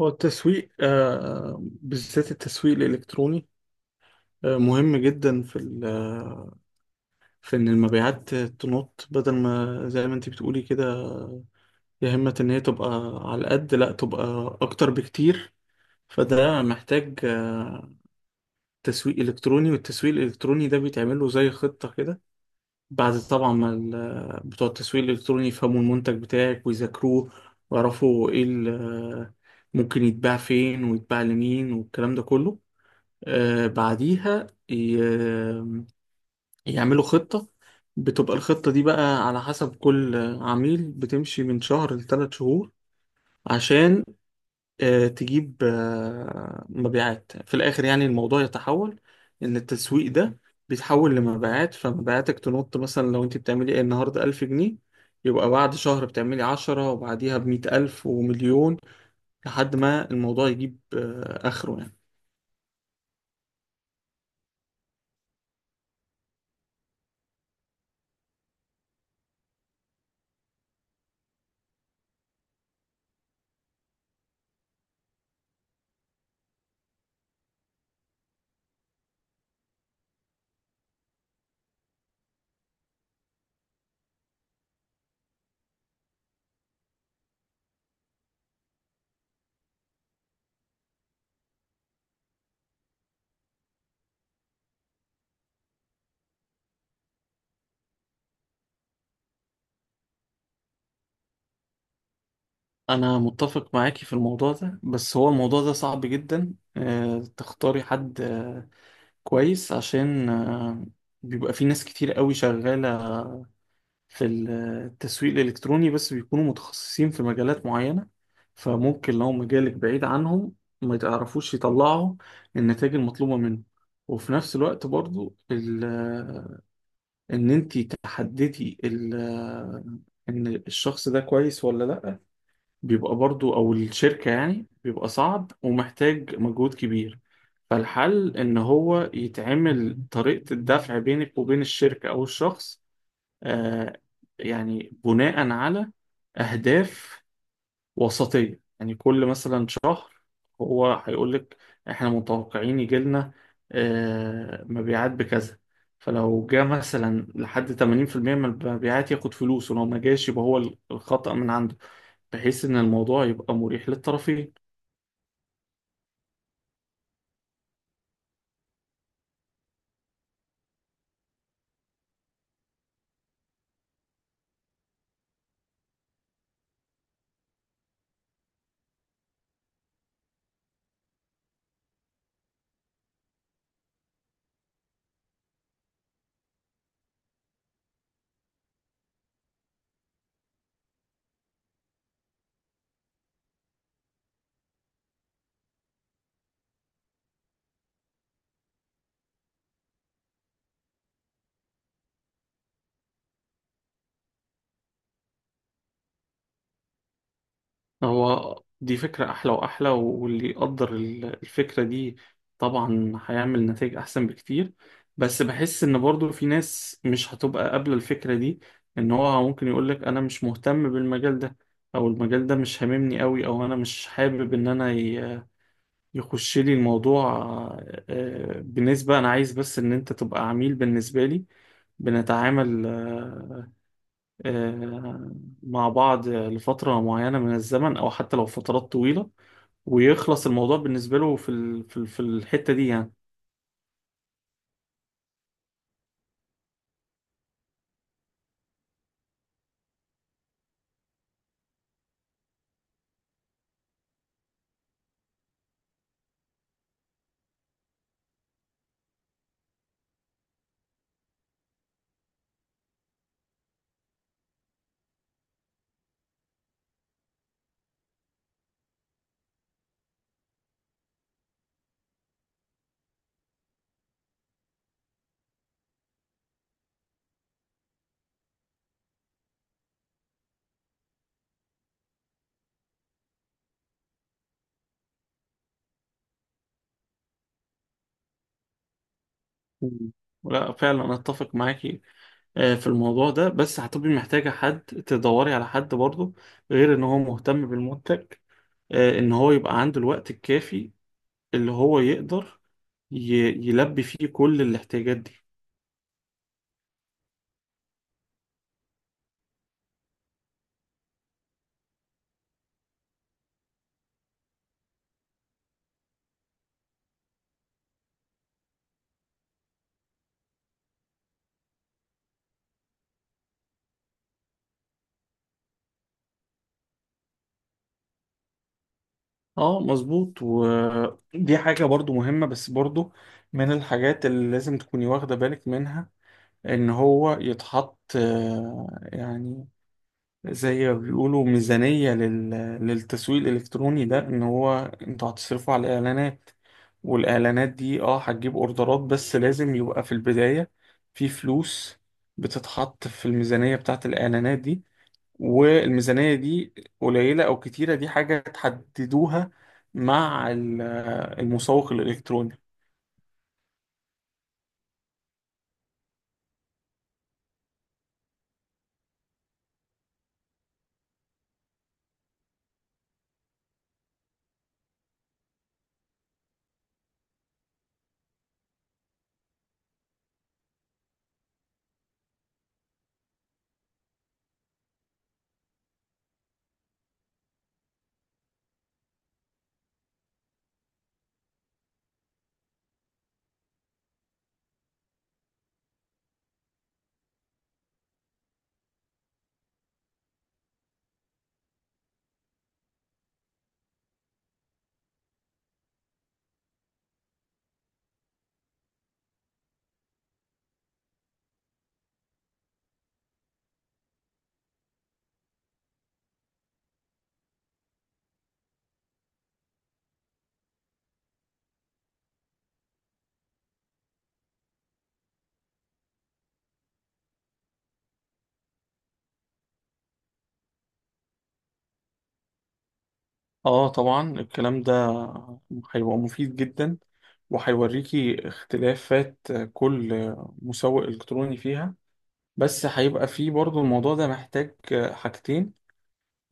هو التسويق بالذات التسويق الإلكتروني مهم جدا في ال- آه، في إن المبيعات تنط بدل ما زي ما أنت بتقولي كده، يا همة إن هي تبقى على قد لا تبقى أكتر بكتير. فده محتاج تسويق إلكتروني، والتسويق الإلكتروني ده بيتعمل له زي خطة كده بعد طبعا ما بتوع التسويق الإلكتروني يفهموا المنتج بتاعك ويذاكروه، ويعرفوا إيه ممكن يتباع فين ويتباع لمين والكلام ده كله. بعديها يعملوا خطة، بتبقى الخطة دي بقى على حسب كل عميل، بتمشي من شهر لثلاث شهور عشان تجيب مبيعات في الآخر، يعني الموضوع يتحول، إن التسويق ده بيتحول لمبيعات، فمبيعاتك تنط مثلا لو أنت بتعملي إيه النهاردة 1000 جنيه يبقى بعد شهر بتعملي عشرة وبعديها بمية ألف ومليون، لحد ما الموضوع يجيب آخره يعني. انا متفق معاكي في الموضوع ده، بس هو الموضوع ده صعب جدا تختاري حد كويس، عشان بيبقى في ناس كتير قوي شغالة في التسويق الالكتروني بس بيكونوا متخصصين في مجالات معينة، فممكن لو مجالك بعيد عنهم ما تعرفوش يطلعوا النتائج المطلوبة منه. وفي نفس الوقت برضو ان انتي تحددي ان الشخص ده كويس ولا لا بيبقى برضو او الشركة، يعني بيبقى صعب ومحتاج مجهود كبير. فالحل ان هو يتعمل طريقة الدفع بينك وبين الشركة او الشخص، آه يعني بناء على اهداف وسطية، يعني كل مثلا شهر هو هيقول لك احنا متوقعين يجي لنا مبيعات بكذا، فلو جه مثلا لحد 80% من المبيعات ياخد فلوس ولو ما جاش يبقى هو الخطأ من عنده، بحيث ان الموضوع يبقى مريح للطرفين. هو دي فكرة أحلى وأحلى، واللي يقدر الفكرة دي طبعا هيعمل نتائج أحسن بكتير. بس بحس إن برضو في ناس مش هتبقى قابلة الفكرة دي، إن هو ممكن يقولك أنا مش مهتم بالمجال ده، أو المجال ده مش هاممني أوي، أو أنا مش حابب إن أنا يخش لي الموضوع، بنسبة أنا عايز بس إن أنت تبقى عميل بالنسبة لي، بنتعامل آه، مع بعض لفترة معينة من الزمن أو حتى لو فترات طويلة، ويخلص الموضوع بالنسبة له في الحتة دي يعني. مم. لا فعلا أنا أتفق معاكي في الموضوع ده، بس هتبقي محتاجة حد تدوري على حد برضه غير إن هو مهتم بالمنتج، إن هو يبقى عنده الوقت الكافي اللي هو يقدر ي... يلبي فيه كل الاحتياجات دي. اه، مظبوط. ودي حاجة برضو مهمة، بس برضو من الحاجات اللي لازم تكوني واخدة بالك منها ان هو يتحط يعني زي ما بيقولوا ميزانية للتسويق الإلكتروني ده، إن هو أنتوا هتصرفوا على الإعلانات، والإعلانات دي هتجيب أوردرات، بس لازم يبقى في البداية في فلوس بتتحط في الميزانية بتاعة الإعلانات دي، والميزانية دي قليلة أو كتيرة دي حاجة تحددوها مع المسوق الإلكتروني. اه، طبعا الكلام ده هيبقى مفيد جدا وهيوريكي اختلافات كل مسوق الكتروني فيها. بس هيبقى فيه برضو الموضوع ده محتاج حاجتين،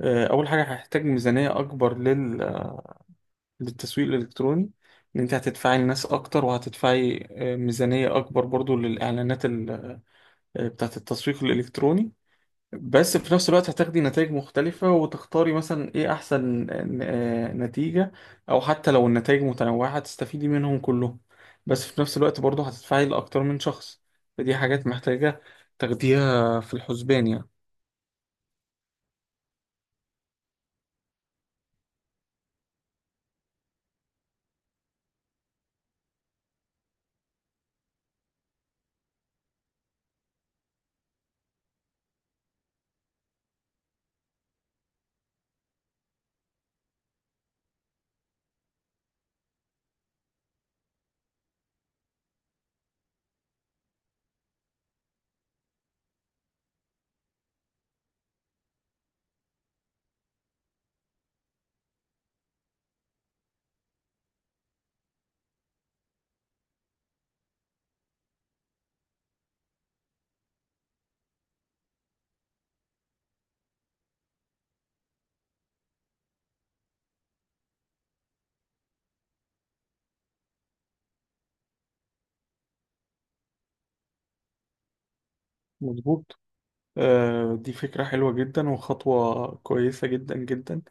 اول حاجة هيحتاج ميزانية اكبر للتسويق الالكتروني، ان انت هتدفعي لناس اكتر وهتدفعي ميزانية اكبر برضو للاعلانات ال... آه، بتاعت التسويق الالكتروني. بس في نفس الوقت هتاخدي نتائج مختلفة وتختاري مثلا ايه احسن نتيجة، او حتى لو النتائج متنوعة هتستفيدي منهم كلهم، بس في نفس الوقت برضه هتدفعي لأكتر من شخص، فدي حاجات محتاجة تاخديها في الحسبان يعني. مظبوط. دي فكرة حلوة جدا وخطوة كويسة جدا جدا،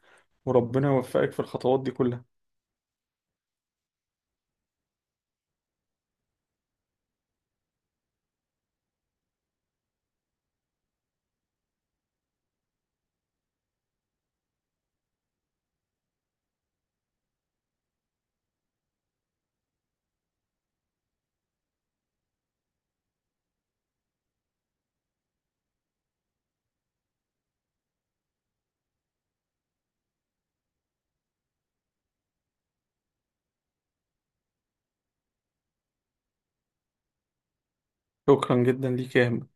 وربنا يوفقك في الخطوات دي كلها. شكرا جدا ليك يا أهم.